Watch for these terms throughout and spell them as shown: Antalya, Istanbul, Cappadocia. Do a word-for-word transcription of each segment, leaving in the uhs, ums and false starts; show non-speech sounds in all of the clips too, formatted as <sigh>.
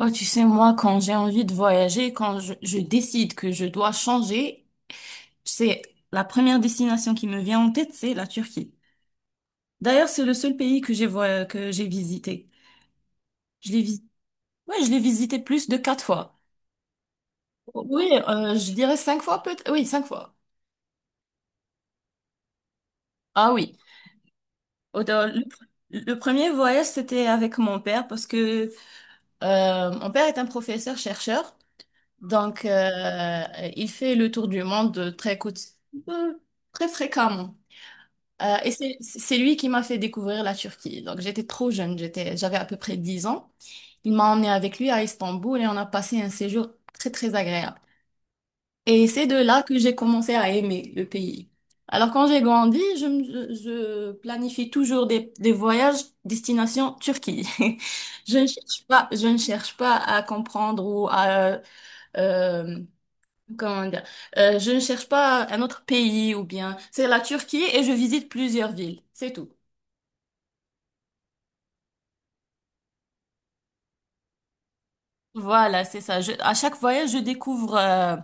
Oh, tu sais, moi, quand j'ai envie de voyager, quand je, je décide que je dois changer, c'est la première destination qui me vient en tête, c'est la Turquie. D'ailleurs, c'est le seul pays que j'ai voy- que j'ai visité. Je l'ai visité, ouais, je l'ai visité plus de quatre fois. Oh, oui, euh, je dirais cinq fois peut-être. Oui, cinq fois. Ah oui. Au- dans Le, pr- le premier voyage, c'était avec mon père, parce que euh, mon père est un professeur chercheur, donc euh, il fait le tour du monde très coûte- euh, très fréquemment. Euh, et c'est c'est lui qui m'a fait découvrir la Turquie. Donc j'étais trop jeune, j'étais, j'avais à peu près dix ans. Il m'a emmené avec lui à Istanbul et on a passé un séjour très très agréable. Et c'est de là que j'ai commencé à aimer le pays. Alors quand j'ai grandi, je, me- je planifie toujours des, des voyages destination Turquie. <laughs> Je ne cherche pas, je ne cherche pas à comprendre ou à euh, euh, comment dire, euh, je ne cherche pas un autre pays, ou bien c'est la Turquie et je visite plusieurs villes, c'est tout. Voilà, c'est ça. Je- à chaque voyage, je découvre euh,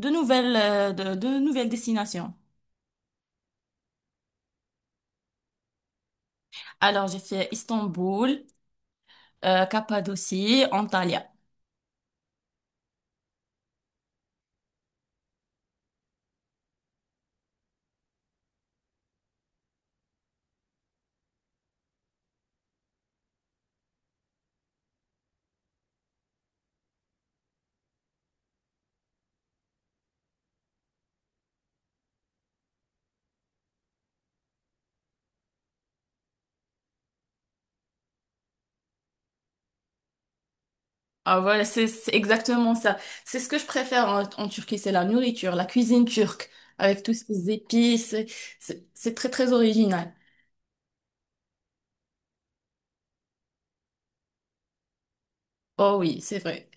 de nouvelles, euh, de, de nouvelles destinations. Alors, j'ai fait Istanbul, euh, Cappadocie, Antalya. Ah voilà, c'est c'est exactement ça. C'est ce que je préfère en, en Turquie, c'est la nourriture, la cuisine turque, avec tous ces épices. C'est c'est très, très original. Oh oui, c'est vrai.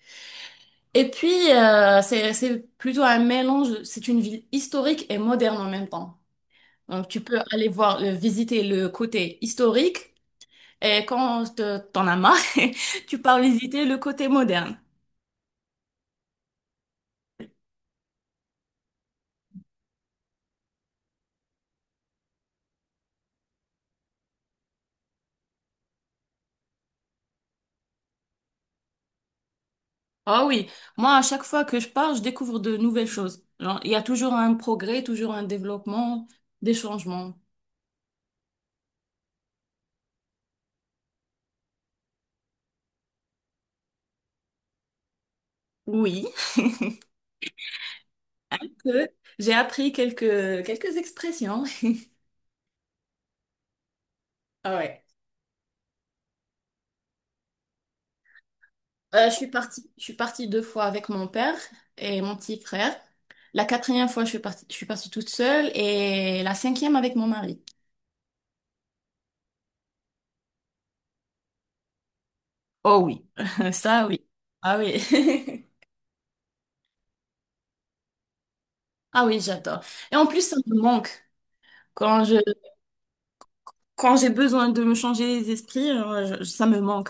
Et puis, euh, c'est, c'est plutôt un mélange, c'est une ville historique et moderne en même temps. Donc, tu peux aller voir, euh, visiter le côté historique. Et quand te- t'en as marre, <laughs> tu pars visiter le côté moderne. Ah oui, moi à chaque fois que je pars, je découvre de nouvelles choses. Genre, il y a toujours un progrès, toujours un développement, des changements. Oui, <laughs> que j'ai appris quelques, quelques expressions. <laughs> Ah ouais. Euh, je suis partie, je suis partie deux fois avec mon père et mon petit frère. La quatrième fois, je suis partie, je suis partie toute seule, et la cinquième avec mon mari. Oh oui, <laughs> ça oui. Ah oui. <laughs> Ah oui, j'adore. Et en plus, ça me manque. Quand je, quand j'ai besoin de me changer les esprits, euh, je- ça me manque.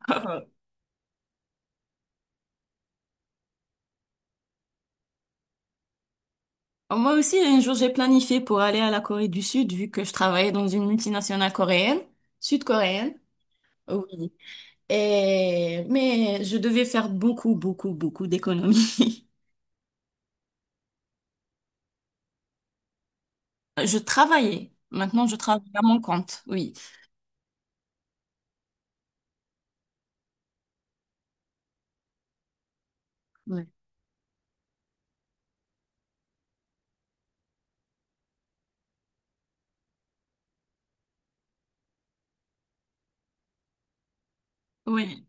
<laughs> Moi aussi, un jour, j'ai planifié pour aller à la Corée du Sud, vu que je travaillais dans une multinationale coréenne, sud-coréenne. Oui. Et, mais je devais faire beaucoup, beaucoup, beaucoup d'économies. <laughs> Je travaillais. Maintenant, je travaille à mon compte. Oui. Oui. Oui.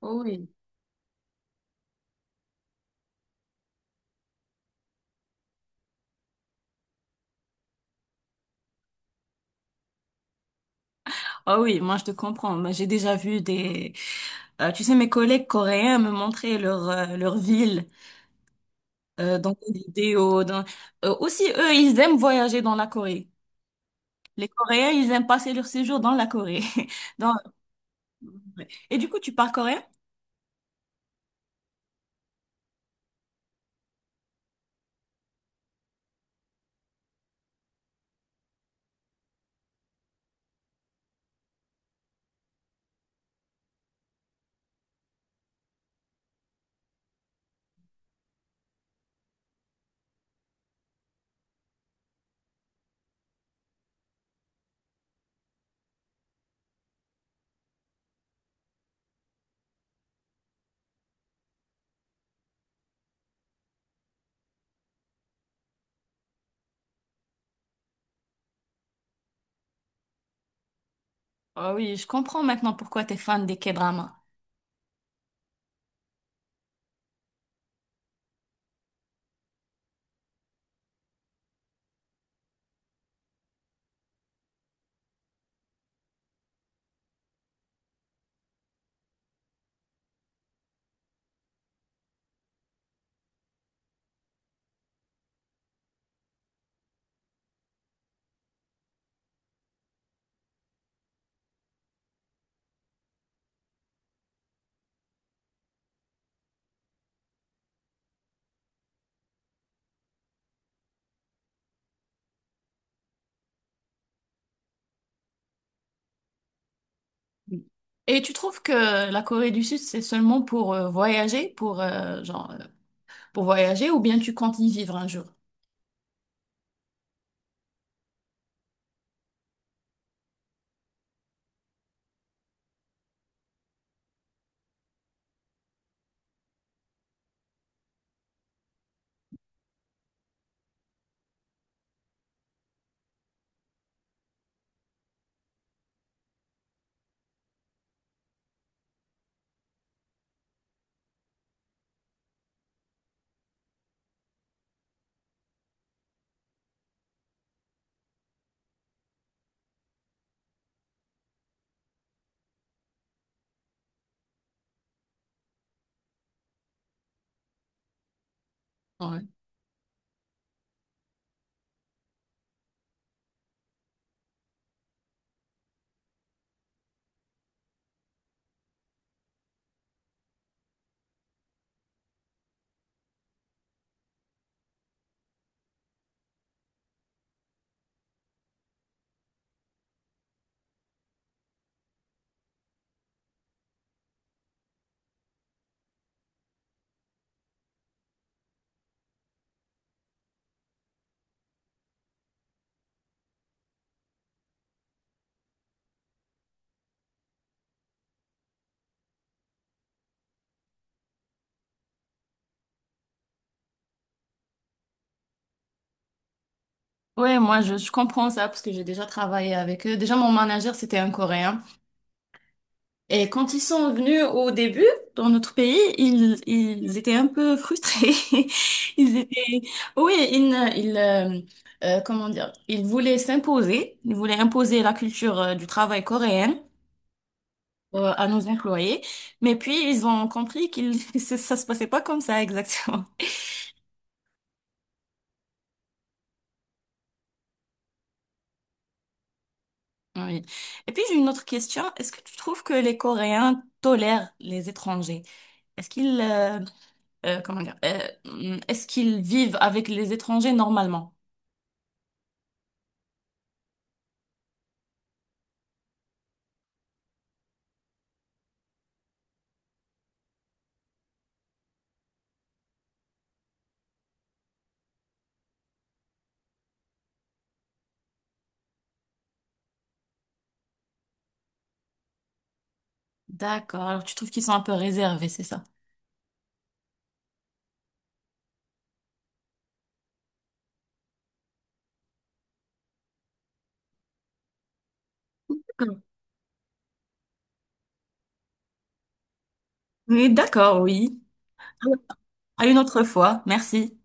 Oui. Ah oui, moi je te comprends. Moi, j'ai déjà vu des, euh, tu sais, mes collègues coréens me montraient leur euh, leur ville euh, dans des vidéos. Dans... Euh, aussi, eux, ils aiment voyager dans la Corée. Les Coréens, ils aiment passer leur séjour dans la Corée. <laughs> Dans... Et du coup, tu parles coréen? Ah oui, je comprends maintenant pourquoi t'es fan des K-dramas. Et tu trouves que la Corée du Sud, c'est seulement pour euh, voyager, pour euh, genre euh, pour voyager, ou bien tu comptes y vivre un jour? Ouais. Ouais, moi je, je comprends ça parce que j'ai déjà travaillé avec eux. Déjà mon manager, c'était un Coréen, et quand ils sont venus au début dans notre pays, ils ils étaient un peu frustrés. <laughs> Ils étaient Oui, ils ne- ils euh, euh, comment dire, ils voulaient s'imposer, ils voulaient imposer la culture euh, du travail coréenne euh, à nos employés, mais puis ils ont compris qu'ils <laughs> ça ça se passait pas comme ça exactement. Oui. Et puis j'ai une autre question. Est-ce que tu trouves que les Coréens tolèrent les étrangers? Est-ce qu'ils euh, euh, comment dire, euh, mm, est-ce qu'ils vivent avec les étrangers normalement? D'accord. Alors tu trouves qu'ils sont un peu réservés, c'est ça? D'accord. Oui, d'accord, oui. À une autre fois. Merci.